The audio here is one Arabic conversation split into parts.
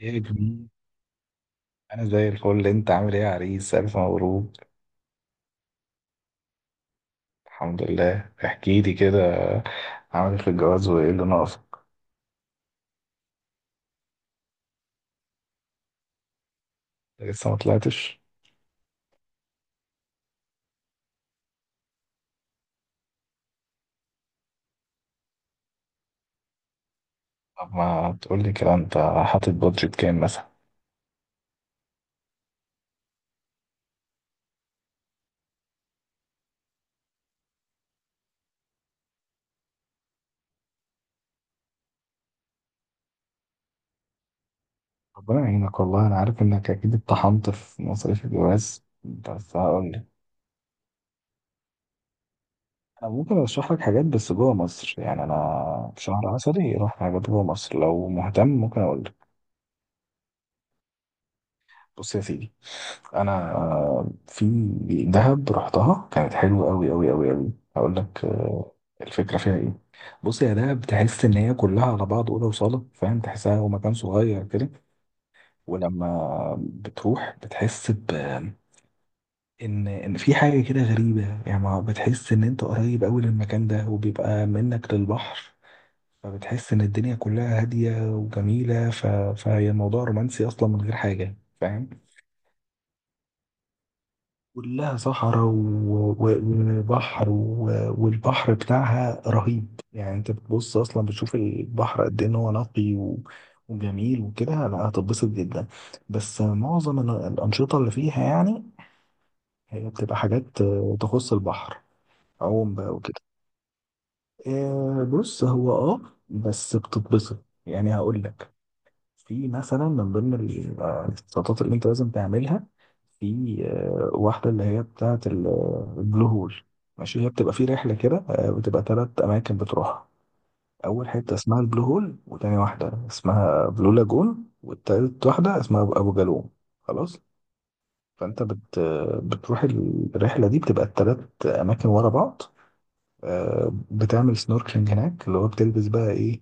ايه يا جميل. انا زي الفل، انت عامل ايه يا عريس؟ الف مبروك. الحمد لله. احكي لي كده، عامل ايه في الجواز وايه اللي ناقص؟ لسه ما طلعتش؟ طب ما تقول لي كده انت، حاطط بادجت كام مثلا؟ ربنا يعينك والله، انا عارف انك اكيد اتطحنت في مصاريف الجواز، بس هقول لك، انا ممكن ارشح لك حاجات بس جوه مصر يعني. انا في شهر عسلي رحت حاجات جوه مصر، لو مهتم ممكن اقول لك. بص يا سيدي، انا دهب رحتها، كانت حلوه قوي قوي قوي قوي. هقول لك الفكره فيها ايه. بص يا دهب، تحس ان هي كلها على بعض اوضه وصاله، فاهم؟ تحسها هو مكان صغير كده. ولما بتروح بتحس ب ان في حاجه كده غريبه يعني، ما بتحس ان انت قريب قوي للمكان ده، وبيبقى منك للبحر. فبتحس ان الدنيا كلها هاديه وجميله، فهي الموضوع رومانسي اصلا من غير حاجه، فاهم؟ كلها صحراء وبحر، والبحر بتاعها رهيب يعني. انت بتبص اصلا، بتشوف البحر قد ايه ان هو نقي وجميل وكده. لا، هتتبسط جدا. بس معظم الانشطه اللي فيها يعني، هي بتبقى حاجات تخص البحر، عوم بقى وكده. بص هو اه، بس بتتبسط يعني. هقول لك، في مثلا من ضمن الاحتياطات اللي انت لازم تعملها، في واحدة اللي هي بتاعة البلو هول. ماشي، هي بتبقى في رحلة كده، بتبقى تلات أماكن بتروحها. أول حتة اسمها البلو هول، وتاني واحدة اسمها بلو لاجون، والتالت واحدة اسمها أبو جالوم. خلاص. فأنت بت بتروح الرحلة دي، بتبقى التلات أماكن ورا بعض. بتعمل سنوركلينج هناك، اللي هو بتلبس بقى إيه،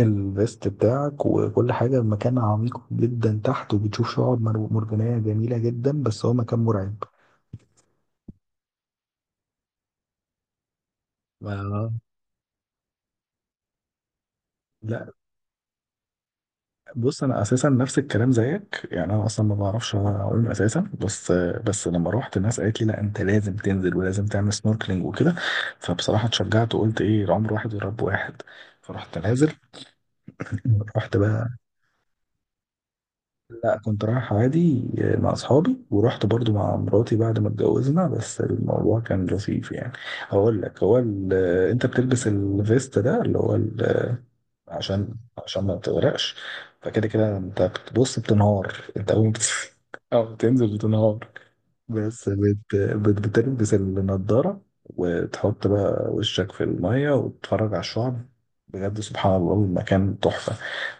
الفيست بتاعك وكل حاجة. المكان عميق جدا تحت وبتشوف شعاب مرجانية جميلة جدا، بس هو مكان مرعب. ما- لا بص، انا اساسا نفس الكلام زيك يعني، انا اصلا ما بعرفش اعوم اساسا، بس لما روحت الناس قالت لي لا انت لازم تنزل ولازم تعمل سنوركلينج وكده. فبصراحه اتشجعت وقلت ايه، العمر واحد ويا رب واحد. فرحت نازل. رحت بقى، لا كنت رايح عادي مع اصحابي، ورحت برضو مع مراتي بعد ما اتجوزنا. بس الموضوع كان لطيف يعني. هقول لك، هو انت بتلبس الفيست ده اللي هو عشان، ما تغرقش. فكده كده انت بتبص، بتنهار. انت اول ما او بتنزل بتنهار، بس بتلبس النضارة وتحط بقى وشك في المية وتتفرج على الشعب. بجد سبحان الله، المكان تحفة.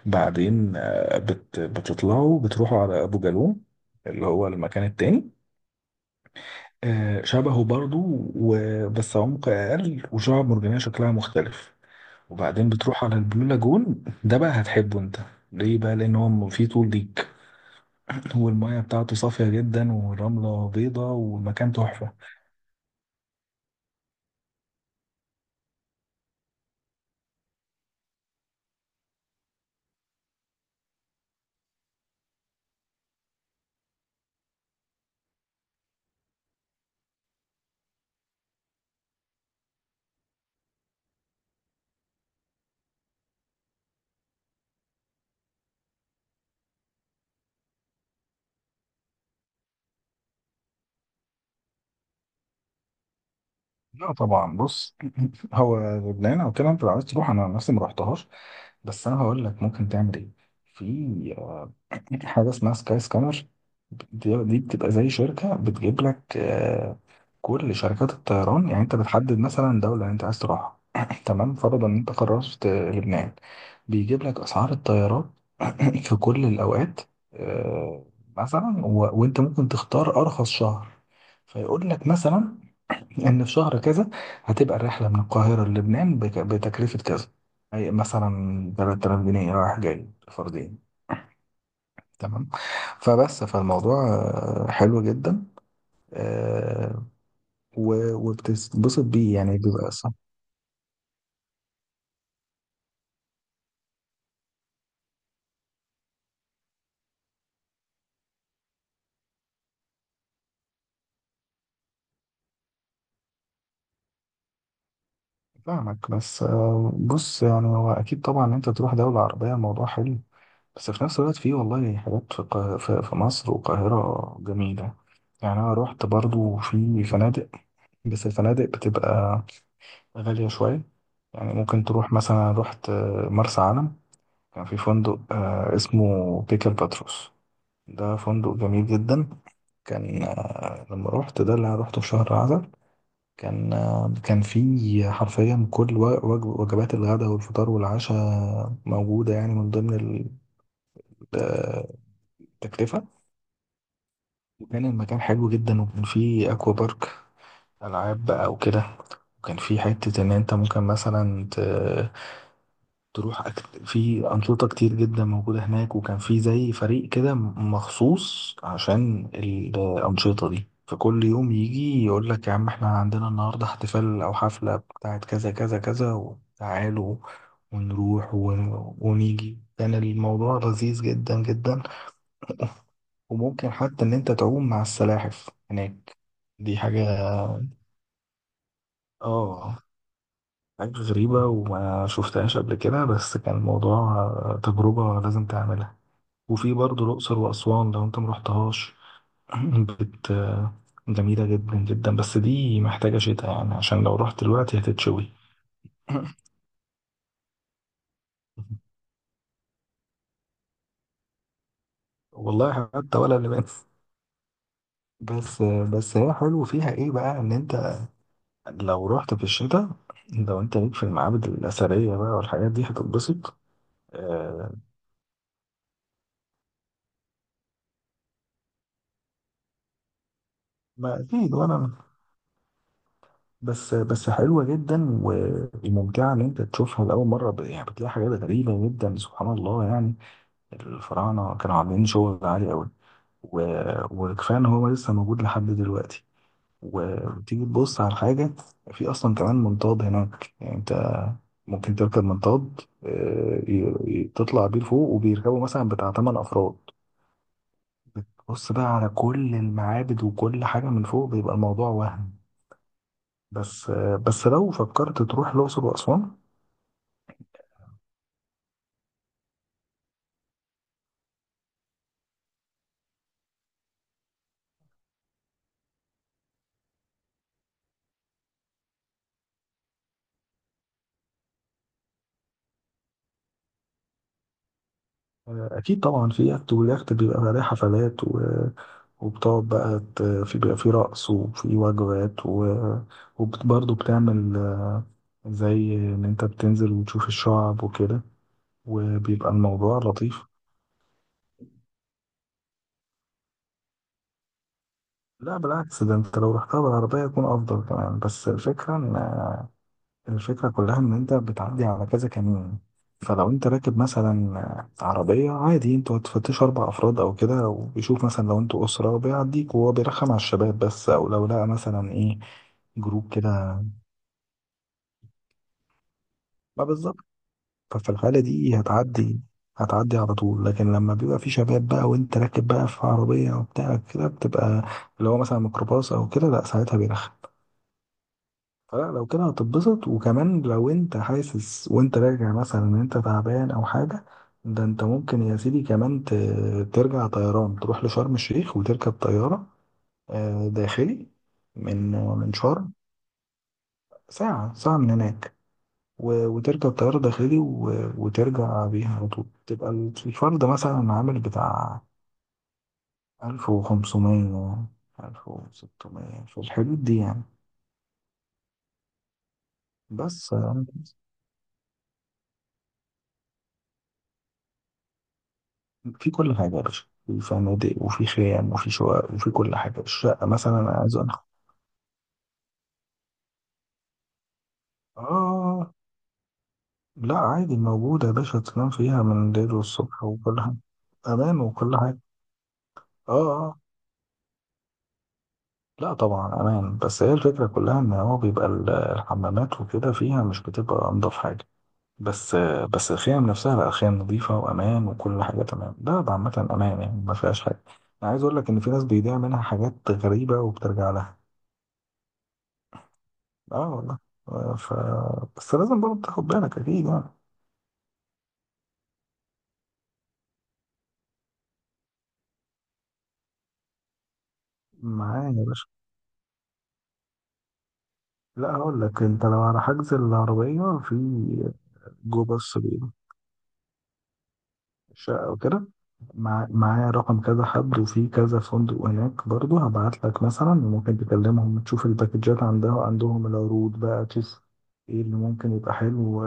بعدين بتطلعوا بتروحوا على أبو جالوم، اللي هو المكان التاني. شبهه برضو و... بس عمق أقل، وشعب مرجانية شكلها مختلف. وبعدين بتروح على البلو لاجون، ده بقى هتحبه انت. ليه بقى؟ لأن هو فيه طول ليك، والمية بتاعته صافية جدا، والرملة بيضة، والمكان تحفة. لا طبعا، بص هو لبنان او كده انت لو عايز تروح، انا نفسي ما رحتهاش. بس انا هقول لك ممكن تعمل ايه. في حاجه اسمها سكاي سكانر. دي بتبقى زي شركه بتجيب لك كل شركات الطيران يعني. انت بتحدد مثلا دوله اللي انت عايز تروحها، تمام؟ فرضا ان انت قررت لبنان، بيجيب لك اسعار الطيارات في كل الاوقات. آه، مثلا وانت ممكن تختار ارخص شهر. فيقول لك مثلا ان في شهر كذا هتبقى الرحله من القاهره للبنان بتكلفه كذا. أي مثلا 3000 جنيه رايح جاي فردين. تمام؟ فالموضوع حلو جدا. آه، وبتتبسط بيه يعني، بيبقى صح. فاهمك، بس بص يعني، هو اكيد طبعا إن انت تروح دوله عربيه الموضوع حلو، بس في نفس الوقت فيه والله حاجات في مصر والقاهره جميله. يعني انا رحت برضو في فنادق، بس الفنادق بتبقى غالية شوية. يعني ممكن تروح مثلا، أنا رحت مرسى علم، كان في فندق اسمه بيكر باتروس. ده فندق جميل جدا. كان لما رحت ده اللي انا روحته في شهر عسل، كان كان فيه حرفيا كل وجبات الغداء والفطار والعشاء موجودة يعني من ضمن آه، التكلفة. وكان المكان حلو جدا، وكان فيه أكوا بارك، ألعاب بقى وكده. وكان في حتة إن أنت ممكن مثلا تروح في أنشطة كتير جدا موجودة هناك. وكان في زي فريق كده مخصوص عشان الأنشطة دي، فكل يوم يجي يقول لك يا عم احنا عندنا النهاردة احتفال أو حفلة بتاعت كذا كذا كذا وتعالوا ونروح ون... ونيجي. كان الموضوع لذيذ جدا جدا. وممكن حتى إن أنت تعوم مع السلاحف هناك، دي حاجة آه، حاجة غريبة وما شفتهاش قبل كده، بس كان الموضوع تجربة لازم تعملها. وفي برضه الأقصر وأسوان لو أنت مرحتهاش، بت جميلة جدا جدا، بس دي محتاجة شتاء يعني، عشان لو رحت دلوقتي هتتشوي. والله حتى ولا لباس. بس هي حلو فيها ايه بقى، ان انت لو رحت في الشتاء، لو انت ليك في المعابد الأثرية بقى والحاجات دي هتتبسط. آه، ما أكيد، وأنا بس، حلوة جدا وممتعة إن أنت تشوفها لأول مرة، يعني بتلاقي حاجات غريبة جدا سبحان الله يعني. الفراعنة كانوا عاملين شغل عالي قوي، و... وكفاية إن هو لسه موجود لحد دلوقتي. وتيجي تبص على حاجة، في أصلا كمان منطاد هناك. يعني أنت ممكن تركب منطاد، تطلع بيه لفوق، وبيركبوا مثلا بتاع تمن أفراد. بتبص بقى على كل المعابد وكل حاجة من فوق، بيبقى الموضوع وهم. بس لو فكرت تروح الأقصر وأسوان، اكيد طبعا في اكت، والاكت بيبقى عليه حفلات وبتقعد بقى في بيبقى في رقص وفي وجبات وبرضه بتعمل زي ان انت بتنزل وتشوف الشعب وكده، وبيبقى الموضوع لطيف. لا بالعكس، ده انت لو رحتها بالعربية يكون افضل كمان. بس الفكرة ان، الفكرة كلها إن أنت بتعدي على كذا كمين، فلو أنت راكب مثلا عربية عادي أنتوا هتفتشوا أربع أفراد أو كده، وبيشوف مثلا لو أنتوا أسرة بيعديك، وهو بيرخم على الشباب بس، أو لو لقى مثلا إيه جروب كده. ما بالظبط. ففي الحالة دي هتعدي على طول، لكن لما بيبقى في شباب بقى وأنت راكب بقى في عربية وبتاع كده بتبقى، اللي هو مثلا ميكروباص أو كده، لأ ساعتها بيرخم. فلا لو كده هتتبسط. وكمان لو انت حاسس وانت راجع مثلا ان انت تعبان او حاجة، ده انت ممكن يا سيدي كمان ترجع طيران، تروح لشرم الشيخ وتركب طيارة داخلي. من شرم، ساعة، ساعة من هناك، وتركب طيارة داخلي وترجع بيها على طول. تبقى الفرد مثلا عامل بتاع ألف وخمسمية، ألف وستمية في الحدود دي يعني. بس في كل حاجة يا باشا، في فنادق وفي خيام وفي شقق وفي كل حاجة. الشقة مثلا أنا عايز أنخ، آه لا، عادي موجودة يا باشا، تنام فيها من الليل والصبح وكل حاجة. أمان وكل حاجة. آه آه، لا طبعا أمان. بس هي الفكرة كلها إن هو بيبقى الحمامات وكده فيها مش بتبقى أنضف حاجة. بس، الخيام نفسها لا، خيام نظيفة وأمان وكل حاجة تمام. ده ده عامة أمان يعني، ما فيهاش حاجة. أنا عايز أقول لك إن في ناس بيضيع منها حاجات غريبة وبترجع لها. اه والله. آه، ف بس لازم برضه تاخد بالك اكيد يعني. معايا يا باشا، لا هقول لك، انت لو على حجز العربية في جو باص بيبقى شقة وكده. معايا رقم كذا حد وفي كذا فندق هناك برضه، هبعت لك مثلا، وممكن تكلمهم تشوف الباكجات عندهم، العروض بقى تشوف ايه اللي ممكن يبقى حلو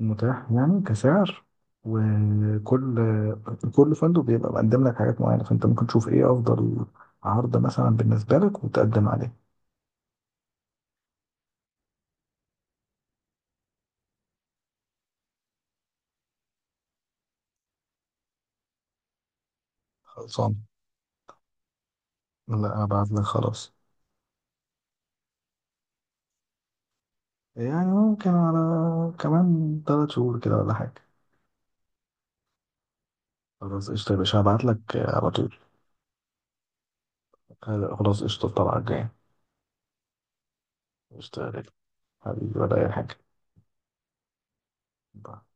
متاح يعني كسعر. وكل كل فندق بيبقى مقدم لك حاجات معينة، فانت ممكن تشوف ايه افضل عرض مثلا بالنسبة لك وتقدم عليه. خلصان. لا ابعت لك خلاص. يعني ممكن على كمان تلات شهور كده ولا حاجة. خلاص قشطة يا باشا، هبعت لك على طول. خلاص قشطة، الطلعة الجاية. قشطة يا غالي. حبيبي ولا أي حاجة. باي.